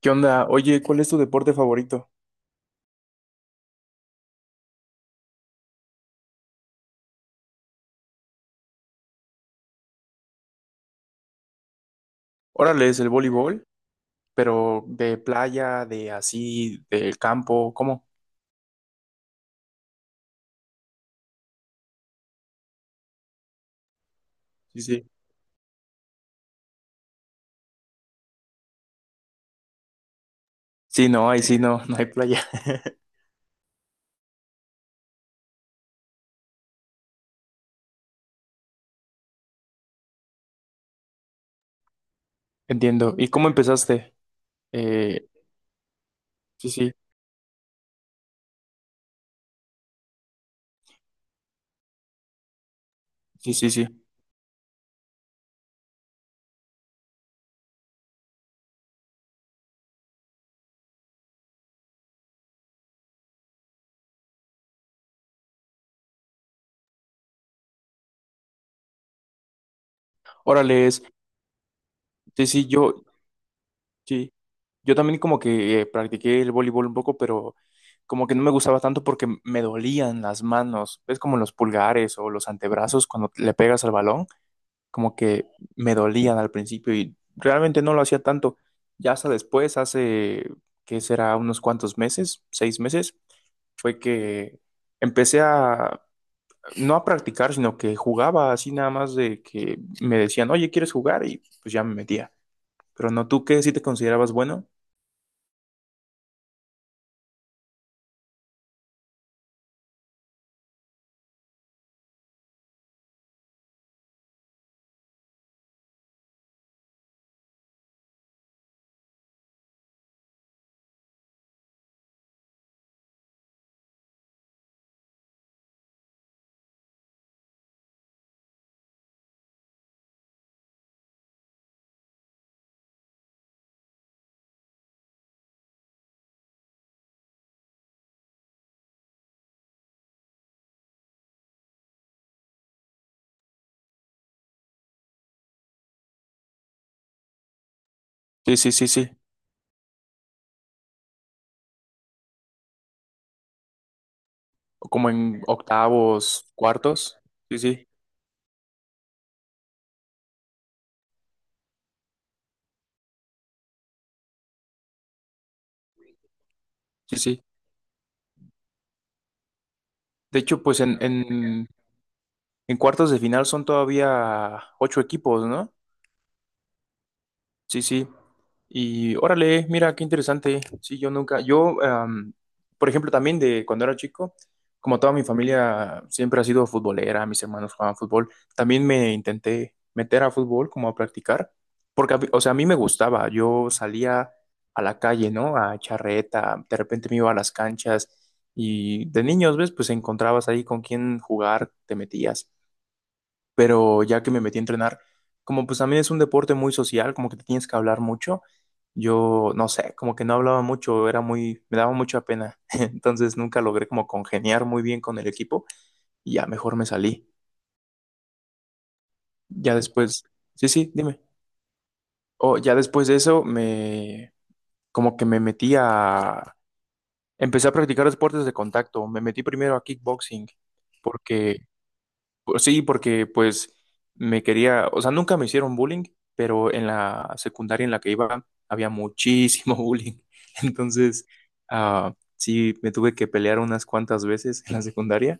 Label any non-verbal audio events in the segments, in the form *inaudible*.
¿Qué onda? Oye, ¿cuál es tu deporte favorito? Órale, es el voleibol, pero de playa, de así, del campo, ¿cómo? Sí, sí. Sí, no, ahí sí, no, *laughs* no hay playa. *laughs* Entiendo. ¿Y cómo empezaste? Eh, sí, sí, sí, sí, sí. Órale, es, sí, sí, yo, sí. Yo también, como que practiqué el voleibol un poco, pero como que no me gustaba tanto porque me dolían las manos. Es como los pulgares o los antebrazos cuando le pegas al balón. Como que me dolían al principio y realmente no lo hacía tanto. Ya hasta después, hace, ¿qué será? Unos cuantos meses, seis meses, fue que empecé a, no a practicar, sino que jugaba así nada más de que me decían, oye, ¿quieres jugar? Y pues ya me metía. Pero no, ¿tú qué?, ¿si te considerabas bueno? Sí, sí, sí, sí. Como en octavos, cuartos. Sí, sí, sí, sí. De hecho, pues en cuartos de final son todavía ocho equipos, ¿no? Sí, sí. Y órale, mira, qué interesante. Sí, yo nunca, yo, por ejemplo, también de cuando era chico, como toda mi familia siempre ha sido futbolera, mis hermanos jugaban fútbol, también me intenté meter a fútbol como a practicar, porque, a mí, o sea, a mí me gustaba, yo salía a la calle, ¿no? A charreta, de repente me iba a las canchas y de niños, ¿ves? Pues encontrabas ahí con quién jugar, te metías, pero ya que me metí a entrenar, como pues también es un deporte muy social, como que te tienes que hablar mucho, yo no sé, como que no hablaba mucho, era muy, me daba mucha pena, *laughs* entonces nunca logré como congeniar muy bien con el equipo y ya mejor me salí. Ya después, sí, sí, dime. O ya después de eso me, como que me metí a, empecé a practicar deportes de contacto, me metí primero a kickboxing porque, pues sí, porque pues me quería, o sea, nunca me hicieron bullying, pero en la secundaria en la que iba había muchísimo *laughs* bullying. Entonces, sí, me tuve que pelear unas cuantas veces en la secundaria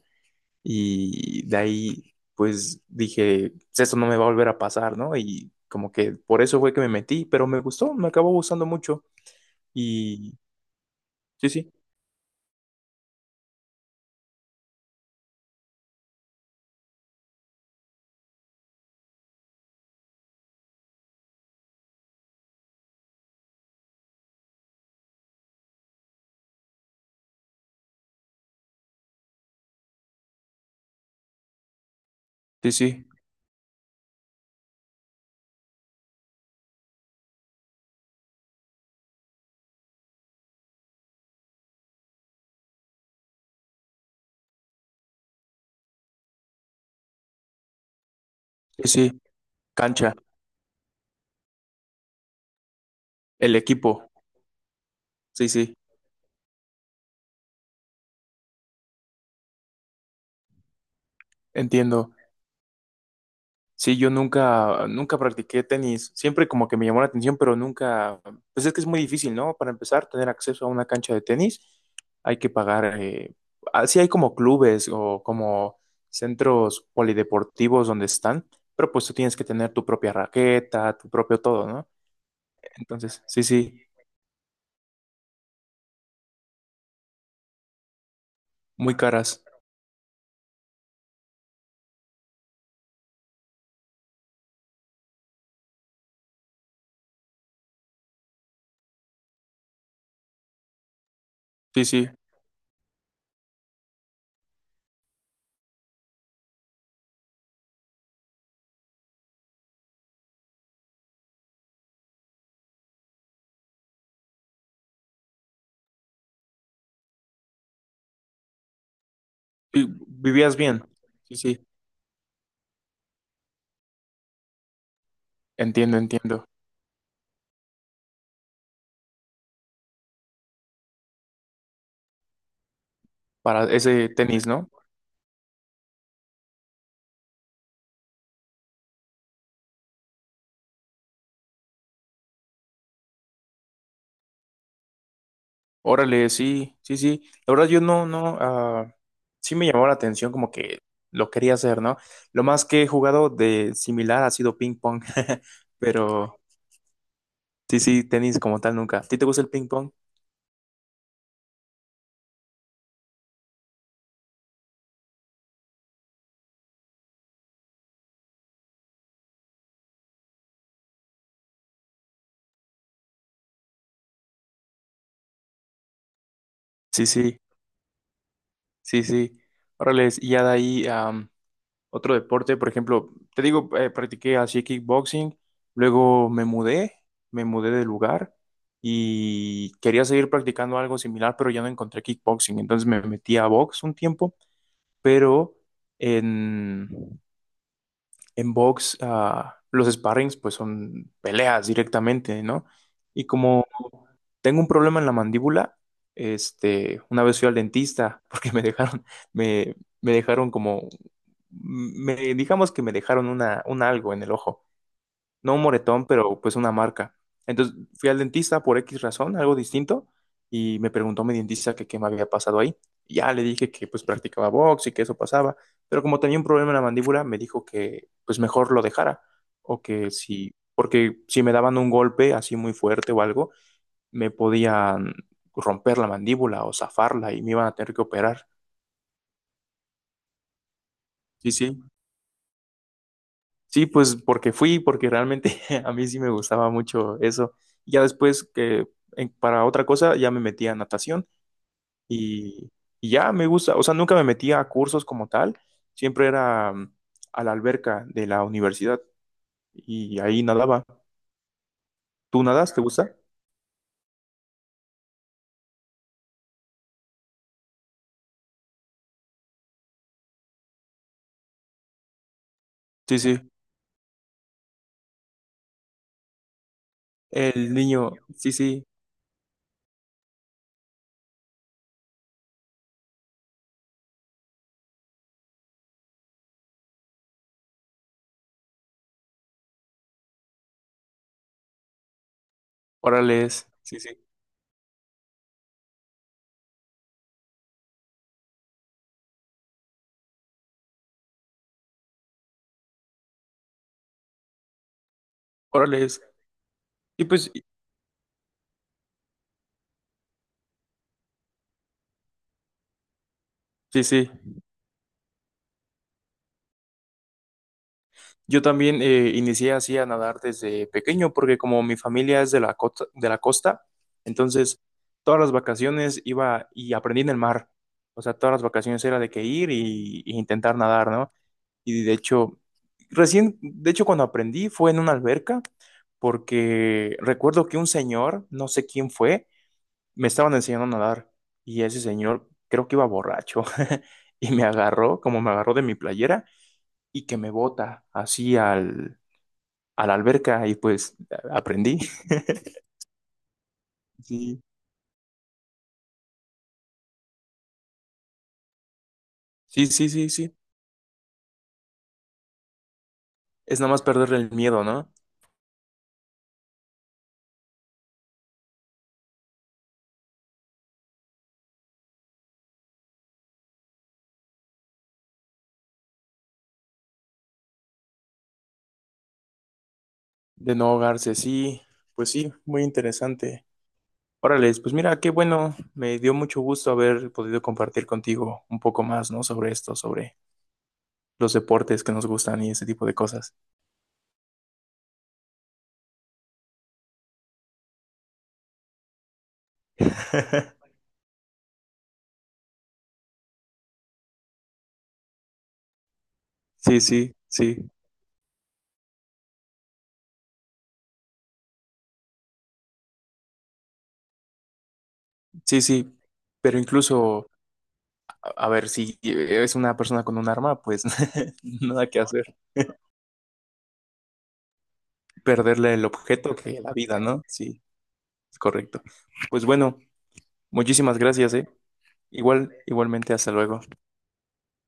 y de ahí pues dije, "Pues esto no me va a volver a pasar, ¿no?". Y como que por eso fue que me metí, pero me gustó, me acabó gustando mucho. Y sí, sí, sí, sí, sí, sí, cancha, el equipo, sí, sí, entiendo. Sí, yo nunca, nunca practiqué tenis. Siempre como que me llamó la atención, pero nunca. Pues es que es muy difícil, ¿no? Para empezar, tener acceso a una cancha de tenis, hay que pagar. Así hay como clubes o como centros polideportivos donde están, pero pues tú tienes que tener tu propia raqueta, tu propio todo, ¿no? Entonces, sí, sí, muy caras. Sí, sí. Vi- Vivías bien. Sí, sí. Entiendo, entiendo. Para ese tenis, ¿no? Órale, sí, sí, sí. La verdad yo no, no, sí me llamó la atención, como que lo quería hacer, ¿no? Lo más que he jugado de similar ha sido ping pong, *laughs* pero sí, sí, tenis como tal nunca. ¿A ti te gusta el ping pong? Sí, sí, sí, sí. Órale, y ya de ahí otro deporte, por ejemplo, te digo, practiqué así kickboxing, luego me mudé de lugar y quería seguir practicando algo similar, pero ya no encontré kickboxing, entonces me metí a box un tiempo. Pero en, en box los sparrings pues son peleas directamente, ¿no? Y como tengo un problema en la mandíbula, este, una vez fui al dentista *laughs* porque me dejaron, me, me dejaron como, me, digamos que me dejaron una, un algo en el ojo, no un moretón, pero pues una marca. Entonces fui al dentista por X razón, algo distinto, y me preguntó mi dentista que qué me había pasado ahí. Y ya le dije que pues practicaba box y que eso pasaba, pero como tenía un problema en la mandíbula, me dijo que pues mejor lo dejara, o que si, porque si me daban un golpe así muy fuerte o algo, me podían romper la mandíbula o zafarla y me iban a tener que operar. Sí, sí. Sí, pues porque fui, porque realmente *laughs* a mí sí me gustaba mucho eso. Ya después que en- para otra cosa ya me metí a natación y, y ya me gusta, o sea, nunca me metí a cursos como tal, siempre era a la alberca de la universidad y ahí nadaba. ¿Tú nadas? ¿Te gusta? Sí, sí. El niño, sí, sí. Órales, sí, sí. Órales. Y pues, sí, sí. Yo también, inicié así a nadar desde pequeño, porque como mi familia es de la costa, entonces todas las vacaciones iba y aprendí en el mar. O sea, todas las vacaciones era de que ir y intentar nadar, ¿no? Y de hecho, recién, de hecho, cuando aprendí fue en una alberca, porque recuerdo que un señor, no sé quién fue, me estaban enseñando a nadar y ese señor creo que iba borracho *laughs* y me agarró, como me agarró de mi playera y que me bota así al, a la alberca y pues a- aprendí. Sí, sí, sí, sí, sí. Es nada más perderle el miedo, ¿no? De no ahogarse, sí. Pues sí, muy interesante. Órale, pues mira, qué bueno. Me dio mucho gusto haber podido compartir contigo un poco más, ¿no? Sobre esto, sobre los deportes que nos gustan y ese tipo de cosas. *laughs* Sí, sí, sí, sí, sí. Pero incluso, a ver, si es una persona con un arma, pues *laughs* nada que hacer. Perderle el objeto que la vida, ¿no? Sí. Correcto. Pues bueno, muchísimas gracias, ¿eh? Igual, igualmente, hasta luego.